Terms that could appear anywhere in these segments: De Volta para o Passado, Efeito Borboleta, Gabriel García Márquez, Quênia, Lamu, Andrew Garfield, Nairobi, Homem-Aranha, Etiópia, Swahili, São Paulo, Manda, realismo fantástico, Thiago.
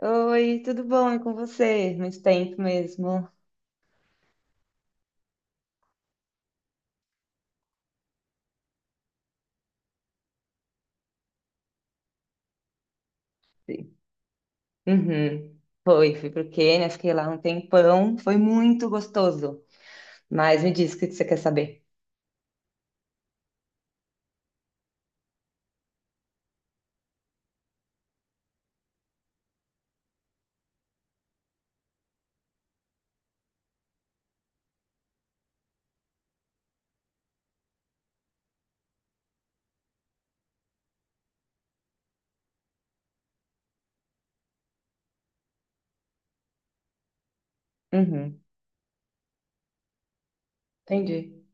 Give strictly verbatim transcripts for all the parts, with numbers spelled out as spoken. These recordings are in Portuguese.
Oi, tudo bom? E com você? Muito tempo mesmo. Sim. Uhum. Foi, fui pro Quênia, fiquei lá um tempão, foi muito gostoso. Mas me diz o que que você quer saber. Uhum, entendi.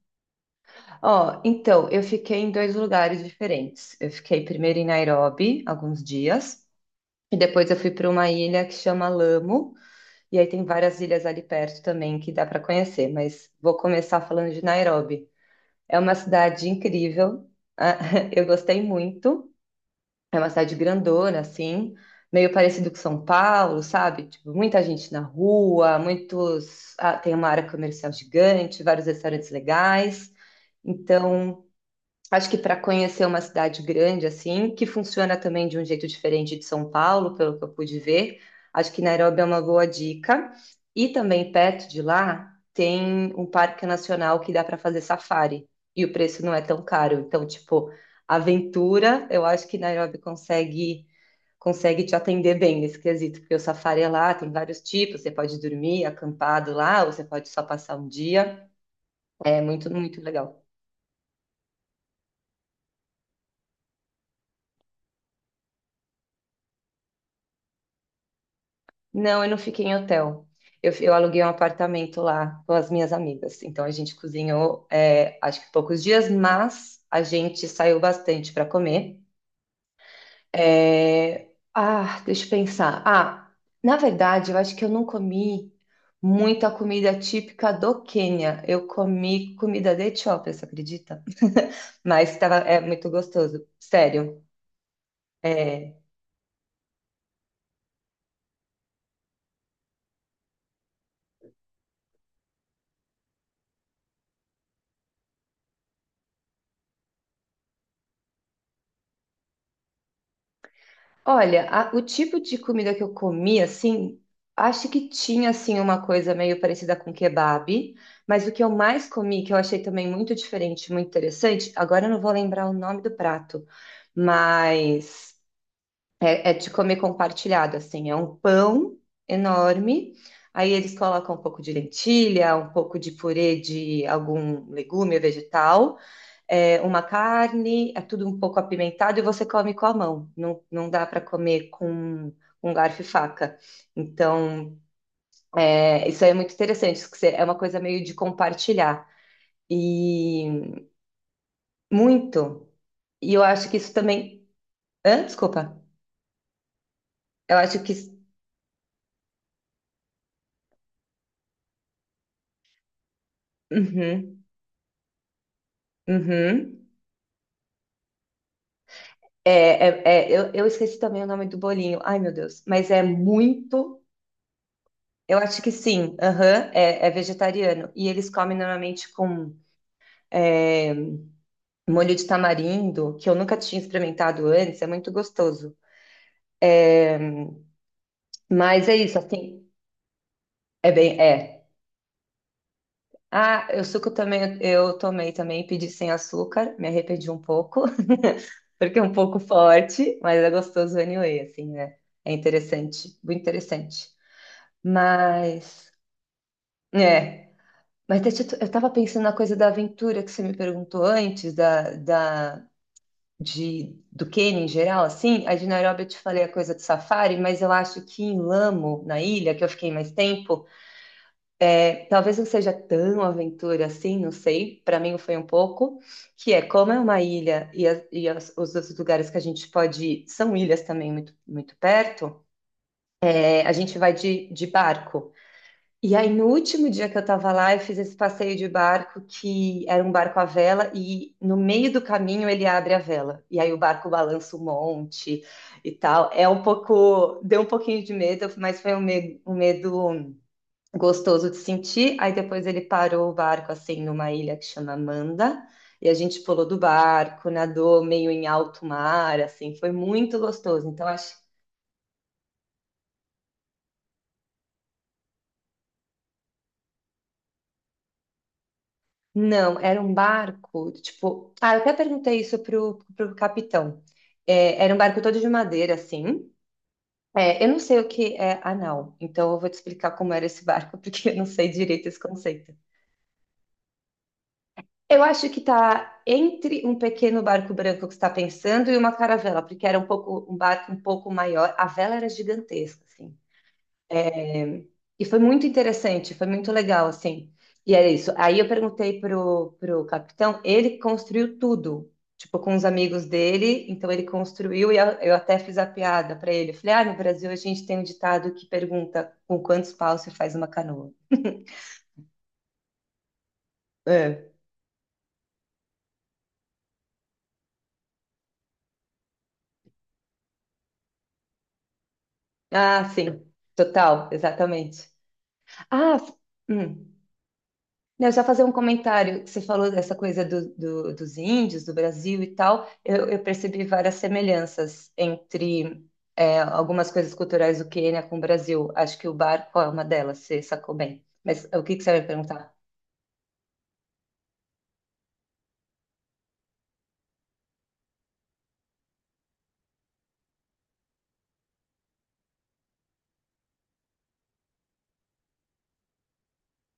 Ó, então, eu fiquei em dois lugares diferentes. Eu fiquei primeiro em Nairobi, alguns dias, e depois eu fui para uma ilha que chama Lamu, e aí tem várias ilhas ali perto também que dá para conhecer, mas vou começar falando de Nairobi. É uma cidade incrível, eu gostei muito. É uma cidade grandona, assim, meio parecido com São Paulo, sabe? Tipo, muita gente na rua, muitos. ah, tem uma área comercial gigante, vários restaurantes legais. Então, acho que para conhecer uma cidade grande assim, que funciona também de um jeito diferente de São Paulo, pelo que eu pude ver, acho que Nairobi é uma boa dica. E também perto de lá tem um parque nacional que dá para fazer safari e o preço não é tão caro. Então, tipo, aventura, eu acho que Nairobi consegue consegue te atender bem nesse quesito, porque o safari é lá, tem vários tipos, você pode dormir acampado lá, ou você pode só passar um dia. É muito, muito legal. Não, eu não fiquei em hotel. Eu, eu aluguei um apartamento lá com as minhas amigas. Então a gente cozinhou, é, acho que poucos dias, mas a gente saiu bastante para comer. É, Ah, deixa eu pensar. Ah, na verdade, eu acho que eu não comi muita comida típica do Quênia. Eu comi comida da Etiópia, você acredita? Mas tava, é muito gostoso, sério. é, Olha, a- o tipo de comida que eu comi, assim, acho que tinha, assim, uma coisa meio parecida com kebab, mas o que eu mais comi, que eu achei também muito diferente, muito interessante, agora eu não vou lembrar o nome do prato, mas é, é de comer compartilhado, assim, é um pão enorme, aí eles colocam um pouco de lentilha, um pouco de purê de algum legume ou vegetal, é, uma carne, é tudo um pouco apimentado e você come com a mão. Não, não dá para comer com um garfo e faca. Então, é, isso aí é muito interessante, isso que você- é uma coisa meio de compartilhar. E muito. E eu acho que isso também. Hã? Desculpa. Eu acho que. Isso- Uhum, uhum. É, é, é, eu, eu esqueci também o nome do bolinho. Ai, meu Deus. Mas é muito. Eu acho que sim. Aham, é, é vegetariano. E eles comem normalmente com é, molho de tamarindo, que eu nunca tinha experimentado antes, é muito gostoso. É, mas é isso, assim, é bem, é. Ah, o suco também, eu tomei também, pedi sem açúcar, me arrependi um pouco, porque é um pouco forte, mas é gostoso anyway, assim, né? É interessante, muito interessante. Mas, é, mas deixa eu eu tava pensando na coisa da aventura que você me perguntou antes, da, da, de, do Quênia em geral, assim, a de Nairobi eu te falei a coisa do safari, mas eu acho que em Lamo, na ilha, que eu fiquei mais tempo, é, talvez não seja tão aventura assim, não sei, para mim foi um pouco, que é como é uma ilha e, as- e as- os outros lugares que a gente pode ir são ilhas também muito, muito perto, é, a gente vai de, de barco. E aí, no último dia que eu tava lá, eu fiz esse passeio de barco que era um barco à vela e no meio do caminho ele abre a vela. E aí o barco balança um monte e tal. É um pouco, deu um pouquinho de medo, mas foi um medo, um medo gostoso de sentir. Aí depois ele parou o barco assim numa ilha que chama Manda e a gente pulou do barco, nadou meio em alto mar, assim, foi muito gostoso. Então acho. Não, era um barco, tipo, ah, eu até perguntei isso pro, pro capitão. É, era um barco todo de madeira, assim. É, eu não sei o que é anal, então eu vou te explicar como era esse barco, porque eu não sei direito esse conceito. Eu acho que tá entre um pequeno barco branco que você está pensando e uma caravela, porque era um pouco um barco um pouco maior. A vela era gigantesca, assim. É, e foi muito interessante, foi muito legal, assim. E era isso. Aí eu perguntei pro, pro capitão, ele construiu tudo, tipo, com os amigos dele. Então ele construiu e eu, eu até fiz a piada para ele. Eu falei, ah, no Brasil a gente tem um ditado que pergunta com quantos paus se faz uma canoa. É. Ah, sim, total, exatamente. Ah, hum. Não, só fazer um comentário. Que você falou dessa coisa do, do- dos índios, do Brasil e tal. Eu, eu percebi várias semelhanças entre é, algumas coisas culturais do Quênia com o Brasil. Acho que o barco é uma delas, você sacou bem. Mas o que que você vai perguntar?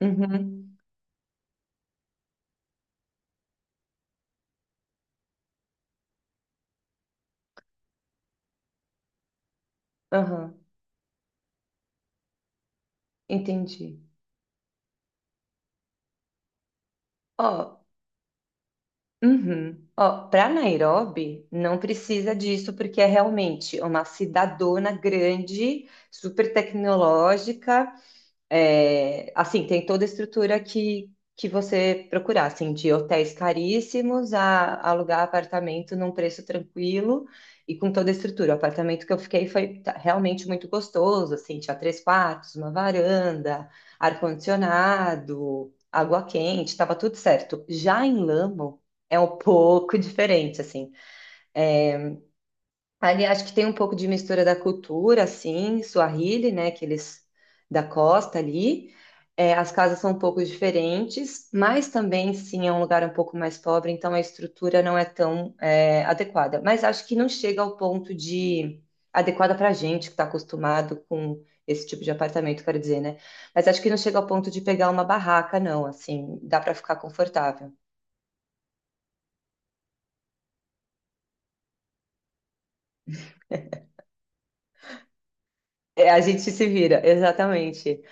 Uhum, aham, entendi. Ó, uhum. Ó, para Nairobi, não precisa disso, porque é realmente uma cidadona grande, super tecnológica, é, assim, tem toda a estrutura que, que você procurar, assim, de hotéis caríssimos a alugar apartamento num preço tranquilo e com toda a estrutura. O apartamento que eu fiquei foi ta- realmente muito gostoso, assim, tinha três quartos, uma varanda, ar-condicionado, água quente, estava tudo certo. Já em Lamo é um pouco diferente, assim, ali acho que tem um pouco de mistura da cultura, assim, Swahili, né, que eles da costa ali. É, as casas são um pouco diferentes, mas também, sim, é um lugar um pouco mais pobre, então a estrutura não é tão é, adequada. Mas acho que não chega ao ponto de adequada para a gente que está acostumado com esse tipo de apartamento, quero dizer, né? Mas acho que não chega ao ponto de pegar uma barraca, não. Assim, dá para ficar confortável. É, a gente se vira, exatamente.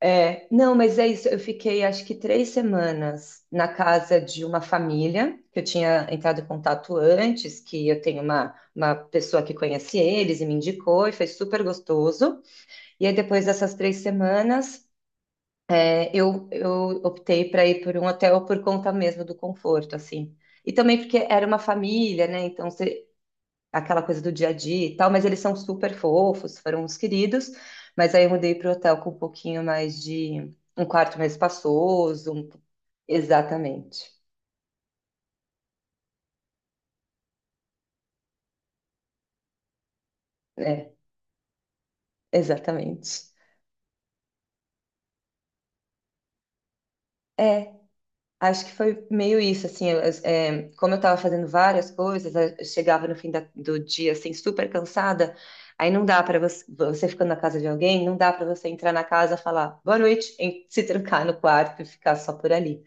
É, não, mas é isso. Eu fiquei acho que três semanas na casa de uma família que eu tinha entrado em contato antes, que eu tenho uma, uma pessoa que conhece eles e me indicou, e foi super gostoso. E aí, depois dessas três semanas, é, eu, eu optei para ir por um hotel por conta mesmo do conforto, assim. E também porque era uma família, né? Então, aquela coisa do dia a dia e tal, mas eles são super fofos, foram uns queridos. Mas aí eu mudei para o hotel com um pouquinho mais de um quarto mais espaçoso. um- Exatamente. É, exatamente. É, acho que foi meio isso, assim, eu- é, como eu estava fazendo várias coisas, eu chegava no fim da- do dia, assim, super cansada, aí não dá para você, você ficando na casa de alguém, não dá para você entrar na casa, falar boa noite, e se trancar no quarto e ficar só por ali.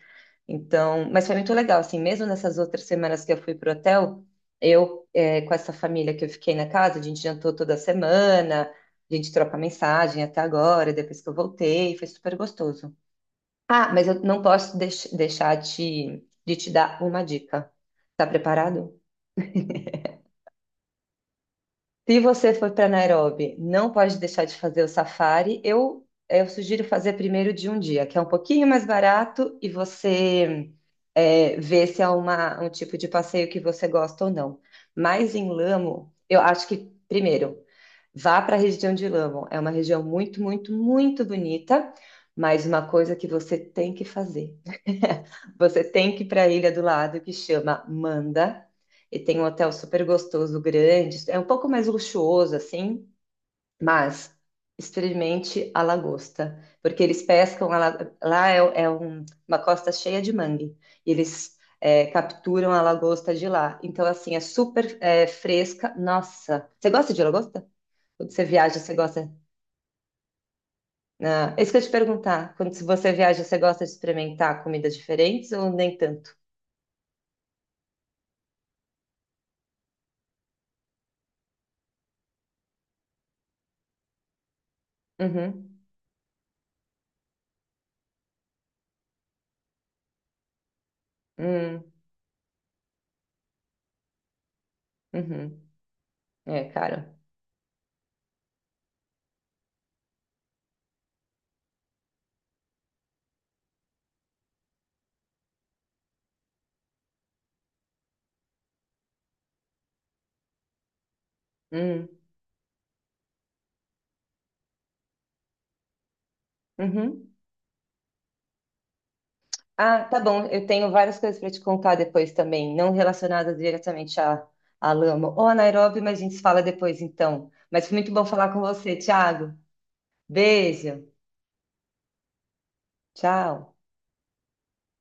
Então, mas foi muito legal, assim, mesmo nessas outras semanas que eu fui pro hotel, eu, eh, com essa família que eu fiquei na casa, a gente jantou toda semana, a gente troca mensagem até agora, depois que eu voltei, foi super gostoso. Ah, mas eu não posso deix- deixar de, de te dar uma dica. Tá preparado? Se você for para Nairobi, não pode deixar de fazer o safari. Eu, eu sugiro fazer primeiro de um dia, que é um pouquinho mais barato e você é, vê se é uma, um tipo de passeio que você gosta ou não. Mas em Lamo, eu acho que, primeiro, vá para a região de Lamo. É uma região muito, muito, muito bonita, mas uma coisa que você tem que fazer. Você tem que ir para a ilha do lado, que chama Manda. E tem um hotel super gostoso, grande. É um pouco mais luxuoso, assim, mas experimente a lagosta, porque eles pescam a la- lá é, é um- uma costa cheia de mangue. E eles é, capturam a lagosta de lá. Então, assim, é super é, fresca. Nossa, você gosta de lagosta? Quando você viaja, você gosta? Ah, é isso que eu ia te perguntar. Quando se você viaja, você gosta de experimentar comidas diferentes ou nem tanto? Uhum. Hum, uhum. É, cara. Hum, uhum. Ah, tá bom. Eu tenho várias coisas para te contar depois também, não relacionadas diretamente a, a Lama ou a Nairobi, mas a gente se fala depois então. Mas foi muito bom falar com você, Thiago. Beijo. Tchau.